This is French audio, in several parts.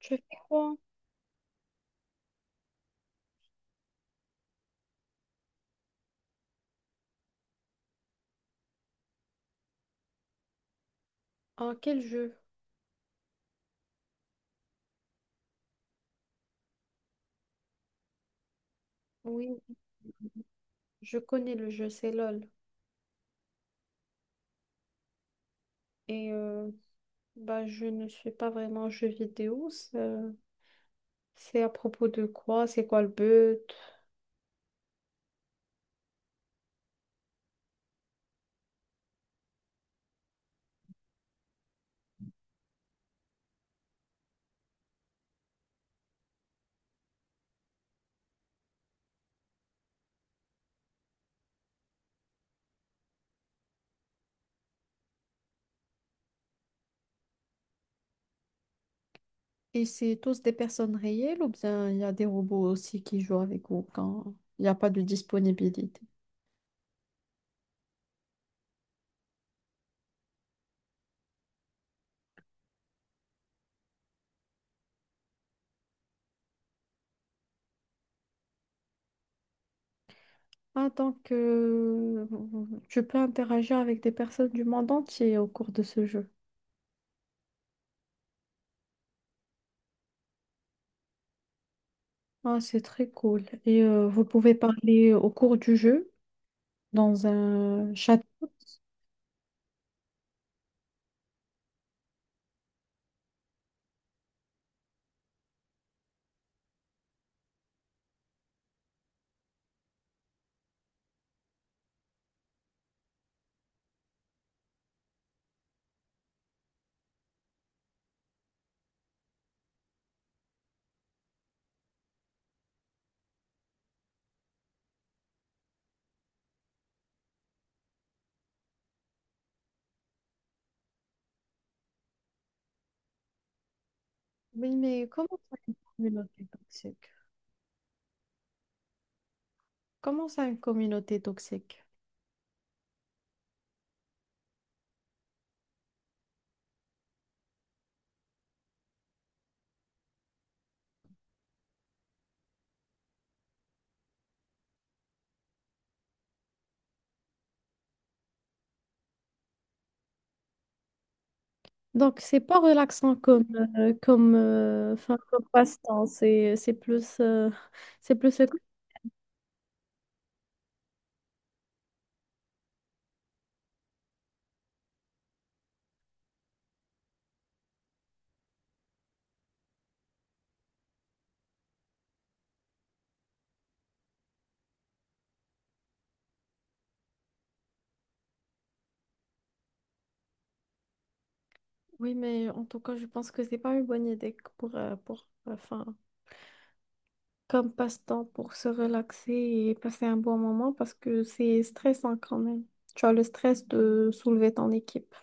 Je fais quoi? En quel jeu? Oui, je connais le jeu, c'est LOL. Et euh, bah, je ne suis pas vraiment jeu vidéo. C'est à propos de quoi? C'est quoi le but? Et c'est tous des personnes réelles ou bien il y a des robots aussi qui jouent avec vous quand il n'y a pas de disponibilité? Ah, donc, tu peux interagir avec des personnes du monde entier au cours de ce jeu. Ah, c'est très cool. Vous pouvez parler au cours du jeu dans un chat. Oui, mais comment ça une communauté toxique? Comment ça une communauté toxique? Donc, c'est pas relaxant comme, comme, enfin, comme passe-temps. C'est plus, c'est plus... Oui, mais en tout cas, je pense que c'est pas une bonne idée pour, enfin, comme passe-temps pour se relaxer et passer un bon moment parce que c'est stressant quand même. Tu as le stress de soulever ton équipe.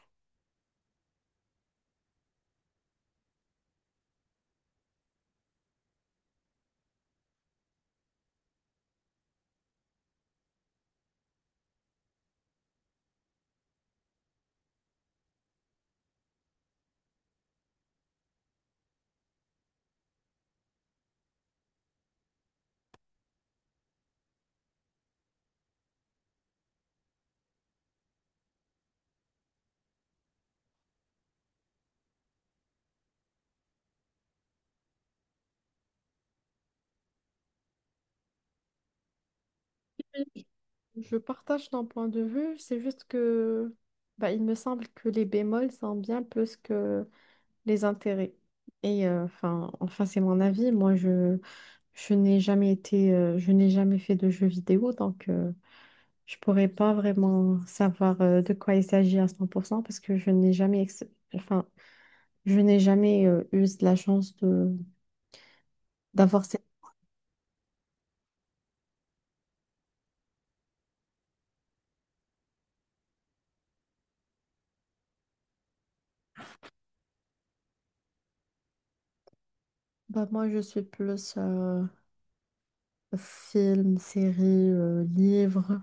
Oui, je partage ton point de vue, c'est juste que bah, il me semble que les bémols sont bien plus que les intérêts. Enfin c'est mon avis. Moi, je n'ai jamais été, je n'ai jamais fait de jeux vidéo, donc je pourrais pas vraiment savoir de quoi il s'agit à 100% parce que je n'ai jamais, enfin, je n'ai jamais eu de la chance de d'avoir cette... Bah, moi, je suis plus film, série, livre,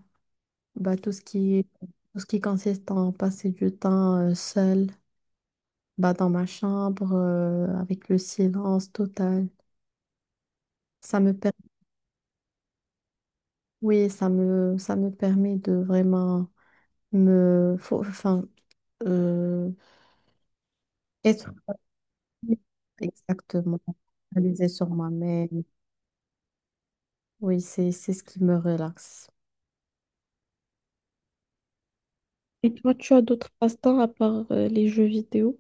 bah, tout ce qui consiste en passer du temps seul, bah, dans ma chambre avec le silence total. Ça me per- Oui, ça me permet de vraiment me... faut- Enfin, euh, être exactement réalisée sur moi-même. Oui, c'est ce qui me relaxe. Et toi, tu as d'autres passe-temps à part les jeux vidéo?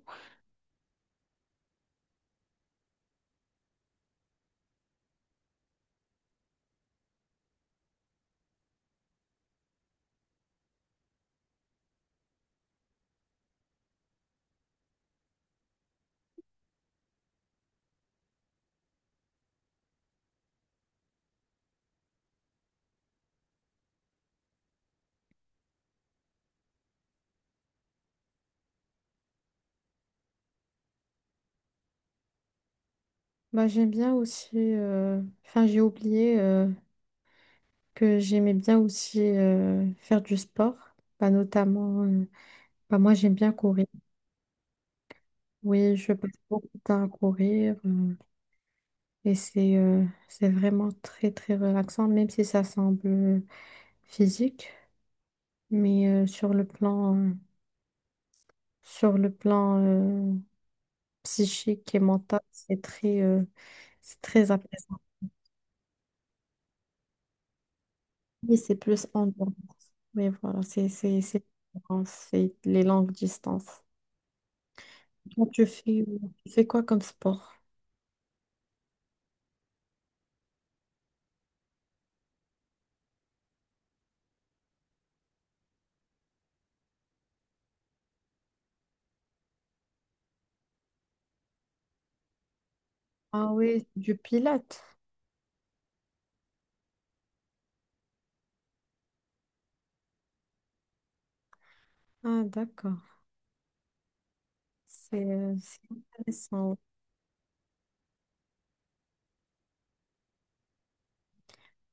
Bah, j'aime bien aussi, enfin j'ai oublié que j'aimais bien aussi faire du sport, bah, notamment, bah, moi j'aime bien courir. Oui, je passe beaucoup de temps à courir et c'est vraiment très très relaxant, même si ça semble physique, mais sur le plan psychique et mental, c'est c'est très apaisant. Oui, c'est plus en distance. Oui, voilà, c'est les longues distances. Toi, tu fais quoi comme sport? Ah oui, du pilates. Ah d'accord, c'est intéressant.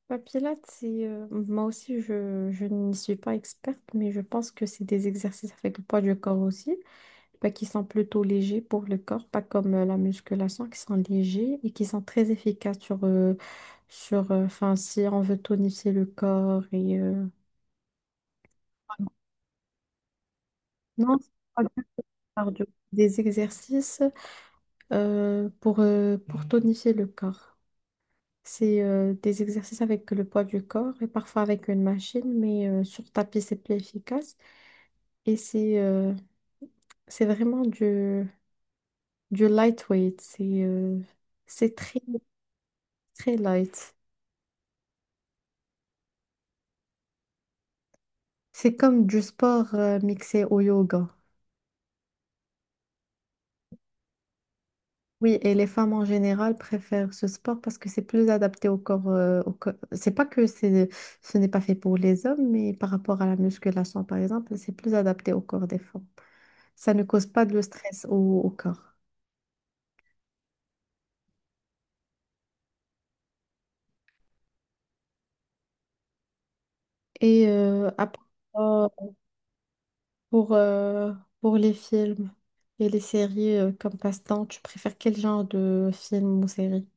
Bah, pilates, c'est, moi aussi, je n'y suis pas experte, mais je pense que c'est des exercices avec le poids du corps aussi. Bah, qui sont plutôt légers pour le corps, pas comme la musculation, qui sont légers et qui sont très efficaces sur, enfin, si on veut tonifier le corps et non, c'est pas du cardio. Des exercices pour tonifier le corps. C'est des exercices avec le poids du corps et parfois avec une machine, mais sur tapis, c'est plus efficace. Et c'est euh, c'est vraiment du lightweight. C'est très, très light. C'est comme du sport mixé au yoga. Oui, et les femmes en général préfèrent ce sport parce que c'est plus adapté au corps, c'est pas que c'est, ce n'est pas fait pour les hommes, mais par rapport à la musculation, par exemple, c'est plus adapté au corps des femmes. Ça ne cause pas de stress au corps. Et après, euh, pour, euh, pour les films et les séries comme passe-temps, tu préfères quel genre de film ou série?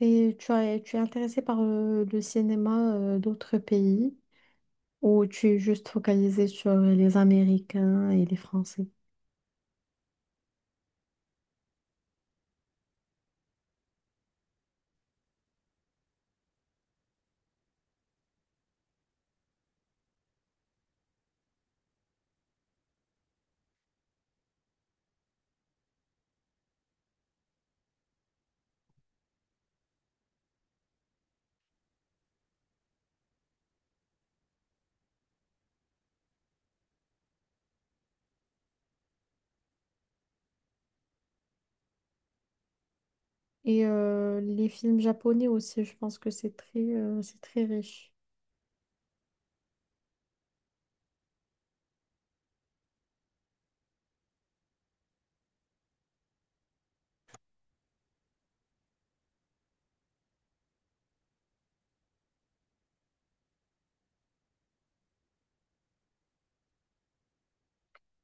Tu es intéressé par le cinéma d'autres pays? Ou tu es juste focalisé sur les Américains et les Français? Les films japonais aussi, je pense que c'est c'est très riche.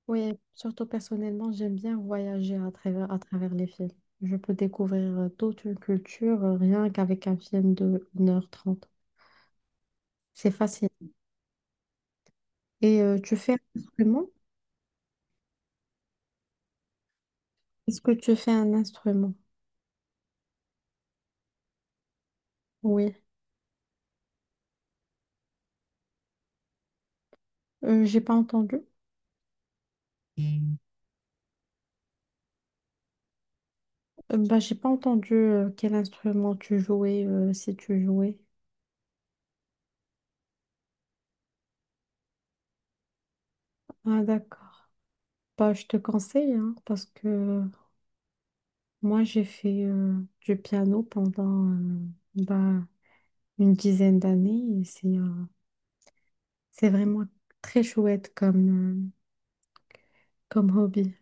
Oui, surtout personnellement, j'aime bien voyager à travers les films. Je peux découvrir toute une culture rien qu'avec un film de 1h30. C'est facile. Tu fais un instrument? Est-ce que tu fais un instrument? Oui. J'ai pas entendu. Bah, j'ai pas entendu quel instrument tu jouais, si tu jouais. Ah, d'accord. Bah, je te conseille, hein, parce que moi, j'ai fait du piano pendant bah, une dizaine d'années et c'est vraiment très chouette comme hobby.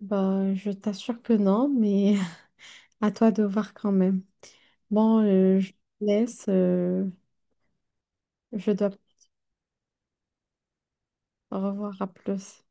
Bah, je t'assure que non, mais à toi de voir quand même. Bon, je te laisse, je dois au revoir, à plus.